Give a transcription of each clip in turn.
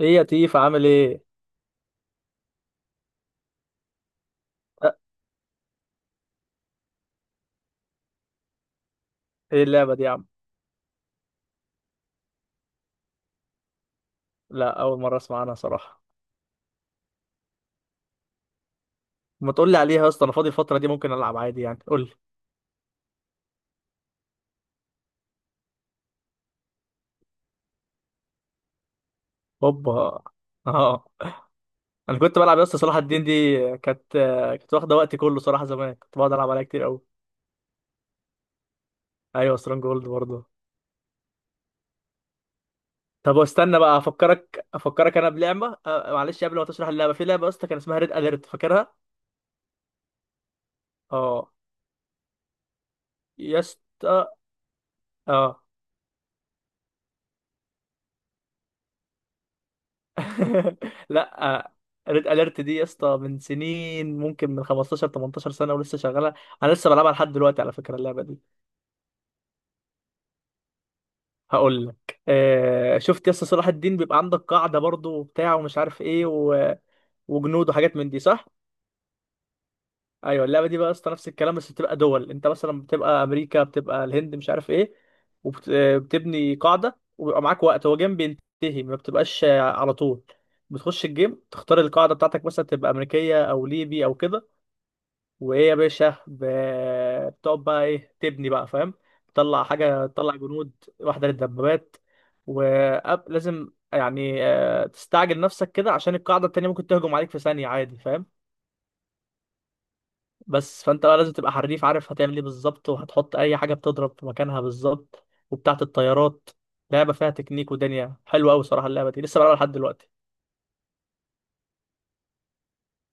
ايه يا تيف عامل ايه؟ أه، ايه اللعبه دي يا عم؟ لا، اول مره اسمع عنها صراحه. ما تقول لي عليها يا اسطى، انا فاضي الفتره دي ممكن العب عادي يعني، قول لي. هوبا اه. انا كنت بلعب يا اسطى صلاح الدين دي، كانت واخده وقتي كله صراحه، زمان كنت بقعد العب عليها كتير قوي. ايوه سترونج جولد برضه. طب واستنى بقى افكرك انا بلعبه. معلش قبل ما تشرح اللعبه، في لعبه يا اسطى كان اسمها ريد اليرت، فاكرها؟ اه يا اسطى. اه لا. ريد اليرت دي يا اسطى من سنين، ممكن من 15 18 سنه، ولسه شغاله. انا لسه بلعبها لحد دلوقتي على فكره اللعبه دي. هقول لك. شفت يا اسطى صلاح الدين بيبقى عندك قاعده برضو وبتاع ومش عارف ايه وجنود وحاجات من دي، صح؟ ايوه، اللعبه دي بقى يا اسطى نفس الكلام، بس بتبقى دول، انت مثلا بتبقى امريكا، بتبقى الهند، مش عارف ايه. وبتبني قاعده، وبيبقى معاك وقت هو جيم بينتهي، ما بتبقاش على طول. بتخش الجيم، تختار القاعده بتاعتك مثلا، تبقى امريكيه او ليبي او كده. وايه يا باشا، بتقعد بقى ايه، تبني بقى فاهم، تطلع حاجه، تطلع جنود، واحده للدبابات. ولازم يعني تستعجل نفسك كده، عشان القاعده التانيه ممكن تهجم عليك في ثانيه عادي، فاهم. بس فانت بقى لازم تبقى حريف، عارف هتعمل ايه بالظبط، وهتحط اي حاجه بتضرب في مكانها بالظبط وبتاعه الطيارات. لعبه فيها تكنيك ودنيا حلوه قوي صراحه، اللعبه دي لسه بلعبها لحد دلوقتي.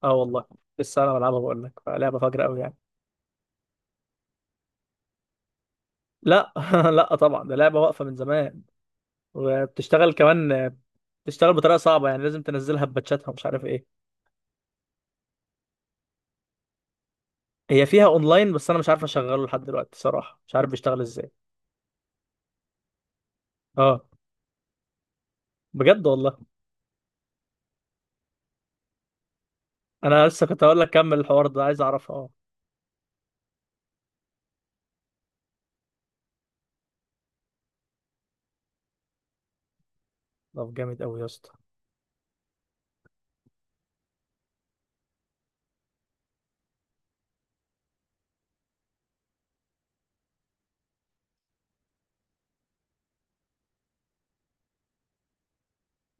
اه والله، لسه انا بلعبها، بقول لك لعبه فجره قوي يعني. لا لا طبعا، ده لعبه واقفه من زمان، وبتشتغل كمان. بتشتغل بطريقه صعبه، يعني لازم تنزلها بباتشاتها ومش عارف ايه. هي فيها اونلاين، بس انا مش عارف اشغله لحد دلوقتي صراحه، مش عارف بيشتغل ازاي. اه. بجد والله. انا لسه كنت هقول لك كمل الحوار ده، عايز اعرفها اه. طب جامد قوي يا اسطى.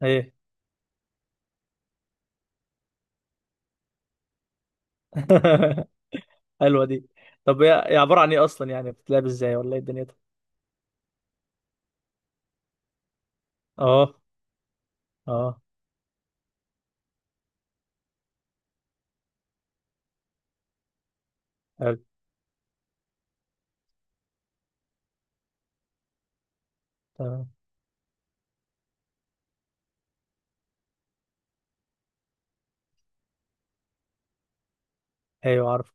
ايه؟ حلوه دي. طب هي هي عباره عن ايه اصلا؟ يعني بتتلعب ازاي ولا ايه الدنيا ده؟ اه. اه. حلو. تمام. ايوه عارف.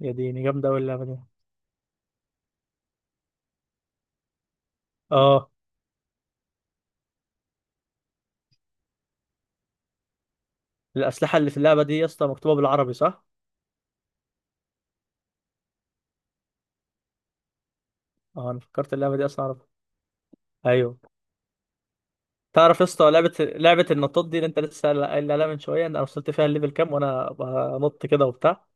يا ديني جامده قوي اللعبه دي. اه. الاسلحه اللي في اللعبه دي يا اسطى مكتوبه بالعربي، صح؟ اه انا فكرت اللعبه دي اصلا عربي. ايوه. تعرف يا اسطى لعبه النطاط دي اللي انت لسه قايل عليها من شويه، إن انا وصلت فيها الليفل كام وانا بنط كده وبتاع.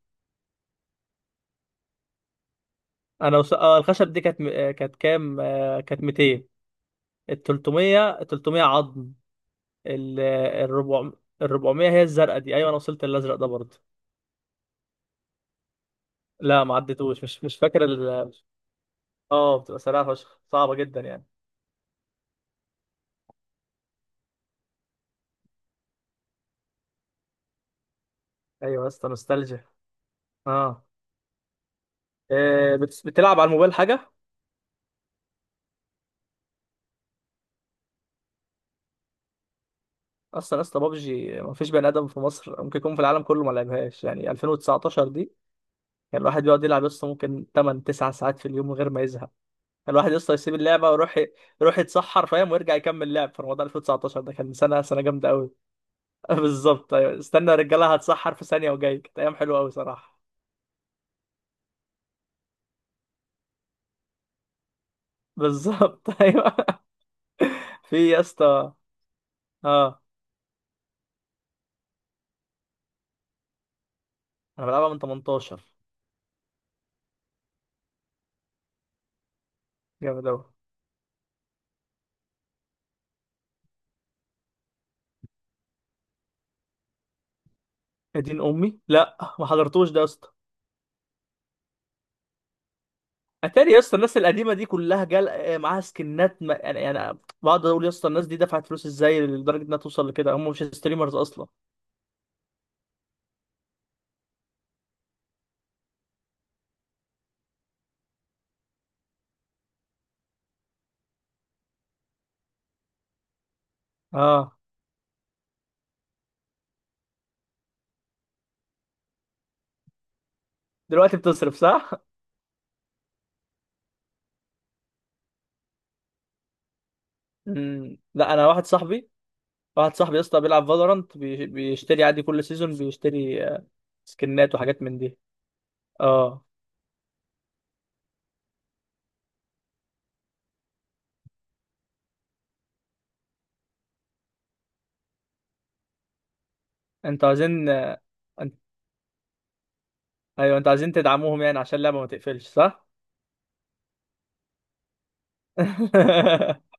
انا وص... اه الخشب دي كانت كانت كام؟ كانت 200. ال 300، ال 300 عظم. ال آه، الربع... ال 400 هي الزرقاء دي. ايوه انا وصلت الازرق ده برضه. لا، ما عدتوش، مش فاكر اه. بتبقى سريعه فشخ، صعبه جدا يعني. ايوه يا اسطى، نوستالجيا. اه. بتلعب على الموبايل حاجه؟ اصلا يا اسطى بابجي ما فيش بني ادم في مصر ممكن يكون في العالم كله ما لعبهاش، يعني 2019 دي يعني الواحد بيقعد يلعب يسطا ممكن 8 9 ساعات في اليوم من غير ما يزهق. الواحد يسطا يسيب اللعبه ويروح، يروح يتسحر فاهم، ويرجع يكمل لعب في رمضان. 2019 ده كان سنه جامده قوي. بالظبط ايوه، استنى يا رجاله هتسحر في ثانيه وجاي. كانت ايام حلوه قوي صراحه. بالظبط ايوه. في يا اسطى. اه انا بلعبها من 18. جامد قوي. يا دين امي، لا ما حضرتوش ده يا اسطى. اتاري يا اسطى الناس القديمه دي كلها جال معاها سكنات، ما... يعني، يعني بقعد اقول يا اسطى الناس دي دفعت فلوس ازاي لدرجه انها توصل لكده، هم مش ستريمرز اصلا. اه. دلوقتي بتصرف، صح؟ مم. لا انا واحد صاحبي، واحد صاحبي يا اسطى بيلعب فالورانت بيشتري عادي كل سيزون، بيشتري سكنات وحاجات من دي. اه. انتوا عايزين، انت... ايوه انتوا عايزين تدعموهم يعني عشان اللعبه ما تقفلش، صح؟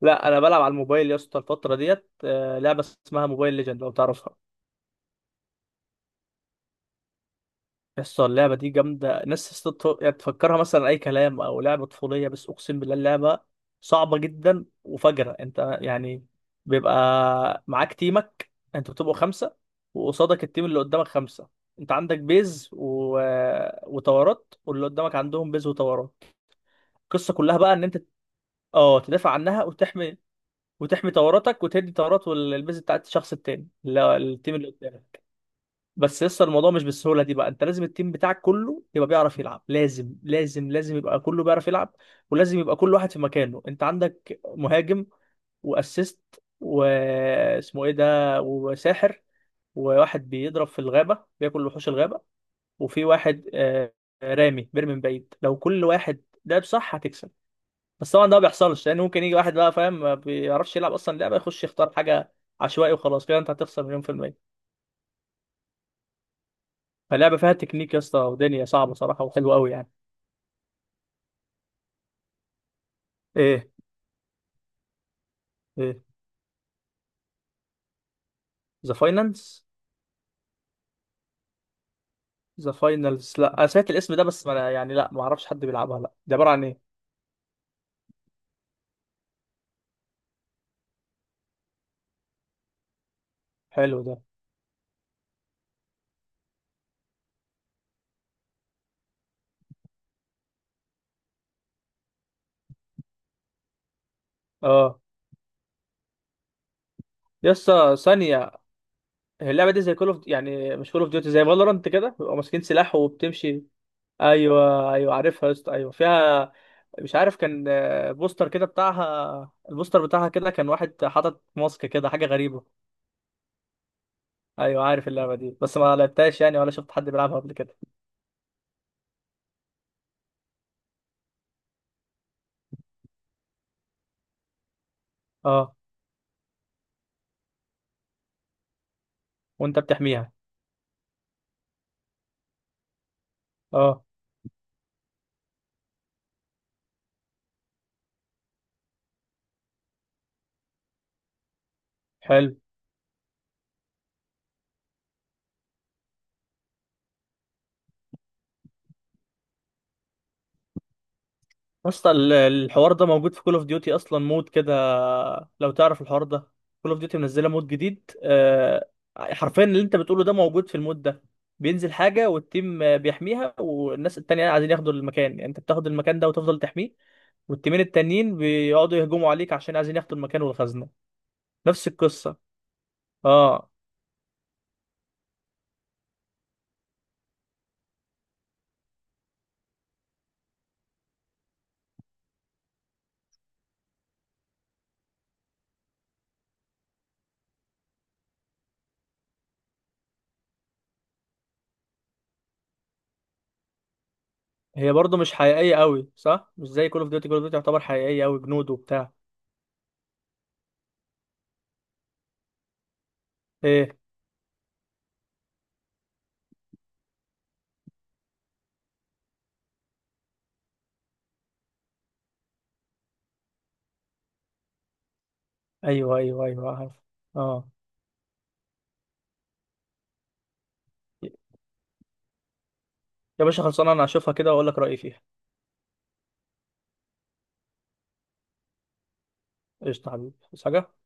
لا انا بلعب على الموبايل يا اسطى الفتره ديت لعبه اسمها موبايل ليجند، لو تعرفها. يس، اللعبة دي جامدة. ناس يعني تفكرها مثلا أي كلام أو لعبة طفولية، بس أقسم بالله اللعبة صعبة جدا وفجرة أنت يعني. بيبقى معاك تيمك، أنتوا بتبقوا خمسة، وقصادك التيم اللي قدامك خمسة. أنت عندك بيز وطورات، واللي قدامك عندهم بيز وطورات. القصة كلها بقى إن أنت، أه تدافع عنها وتحمي، وتحمي طوراتك وتدي طورات والبيز بتاعت الشخص التاني اللي هو التيم اللي قدامك. بس لسه الموضوع مش بالسهوله دي بقى، انت لازم التيم بتاعك كله يبقى بيعرف يلعب، لازم يبقى كله بيعرف يلعب. ولازم يبقى كل واحد في مكانه. انت عندك مهاجم، واسيست، واسمه ايه ده، وساحر، وواحد بيضرب في الغابه بياكل وحوش الغابه، وفي واحد رامي بيرمي من بعيد. لو كل واحد لعب صح هتكسب. بس طبعا ده ما بيحصلش، لان ممكن يجي واحد بقى فاهم ما بيعرفش يلعب اصلا لعبه، يخش يختار حاجه عشوائي وخلاص، كده انت هتخسر مليون في المية. فاللعبه فيها تكنيك يا اسطى ودنيا صعبه صراحه، وحلوه قوي يعني. ايه؟ ايه؟ ذا فاينانس؟ ذا فاينلز؟ لا انا سمعت الاسم ده بس، ما أنا يعني لا ما اعرفش حد بيلعبها. لا ده عباره عن ايه؟ حلو ده. اه يا اسطى، ثانيه. هي اللعبه دي زي كول اوف يعني، مش كول اوف ديوتي، زي فالورانت كده بيبقوا ماسكين سلاح وبتمشي؟ ايوه ايوه عارفها يا اسطى، ايوه فيها. مش عارف كان بوستر كده بتاعها، البوستر بتاعها كده كان واحد حاطط ماسك كده، حاجه غريبه. ايوه عارف اللعبه دي، بس ما لعبتهاش يعني ولا شفت حد بيلعبها قبل كده. اه. وانت بتحميها. اه. حلو. اصلا الحوار ده موجود في كول اوف ديوتي اصلا، مود كده، لو تعرف الحوار ده. كول اوف ديوتي منزله مود جديد حرفيا اللي انت بتقوله ده موجود في المود ده. بينزل حاجه والتيم بيحميها، والناس التانية عايزين ياخدوا المكان. يعني انت بتاخد المكان ده وتفضل تحميه، والتيمين التانيين بيقعدوا يهجموا عليك عشان عايزين ياخدوا المكان والخزنه. نفس القصه. اه. هي برضه مش حقيقيه قوي، صح؟ مش زي كول اوف ديوتي، كول اوف ديوتي يعتبر حقيقيه قوي، جنود وبتاع. ايه؟ ايوه ايوه ايوه عارف. اه يا باشا خلصانه، انا هشوفها كده واقول لك رايي فيها. قشطه حبيبي، بس حاجه.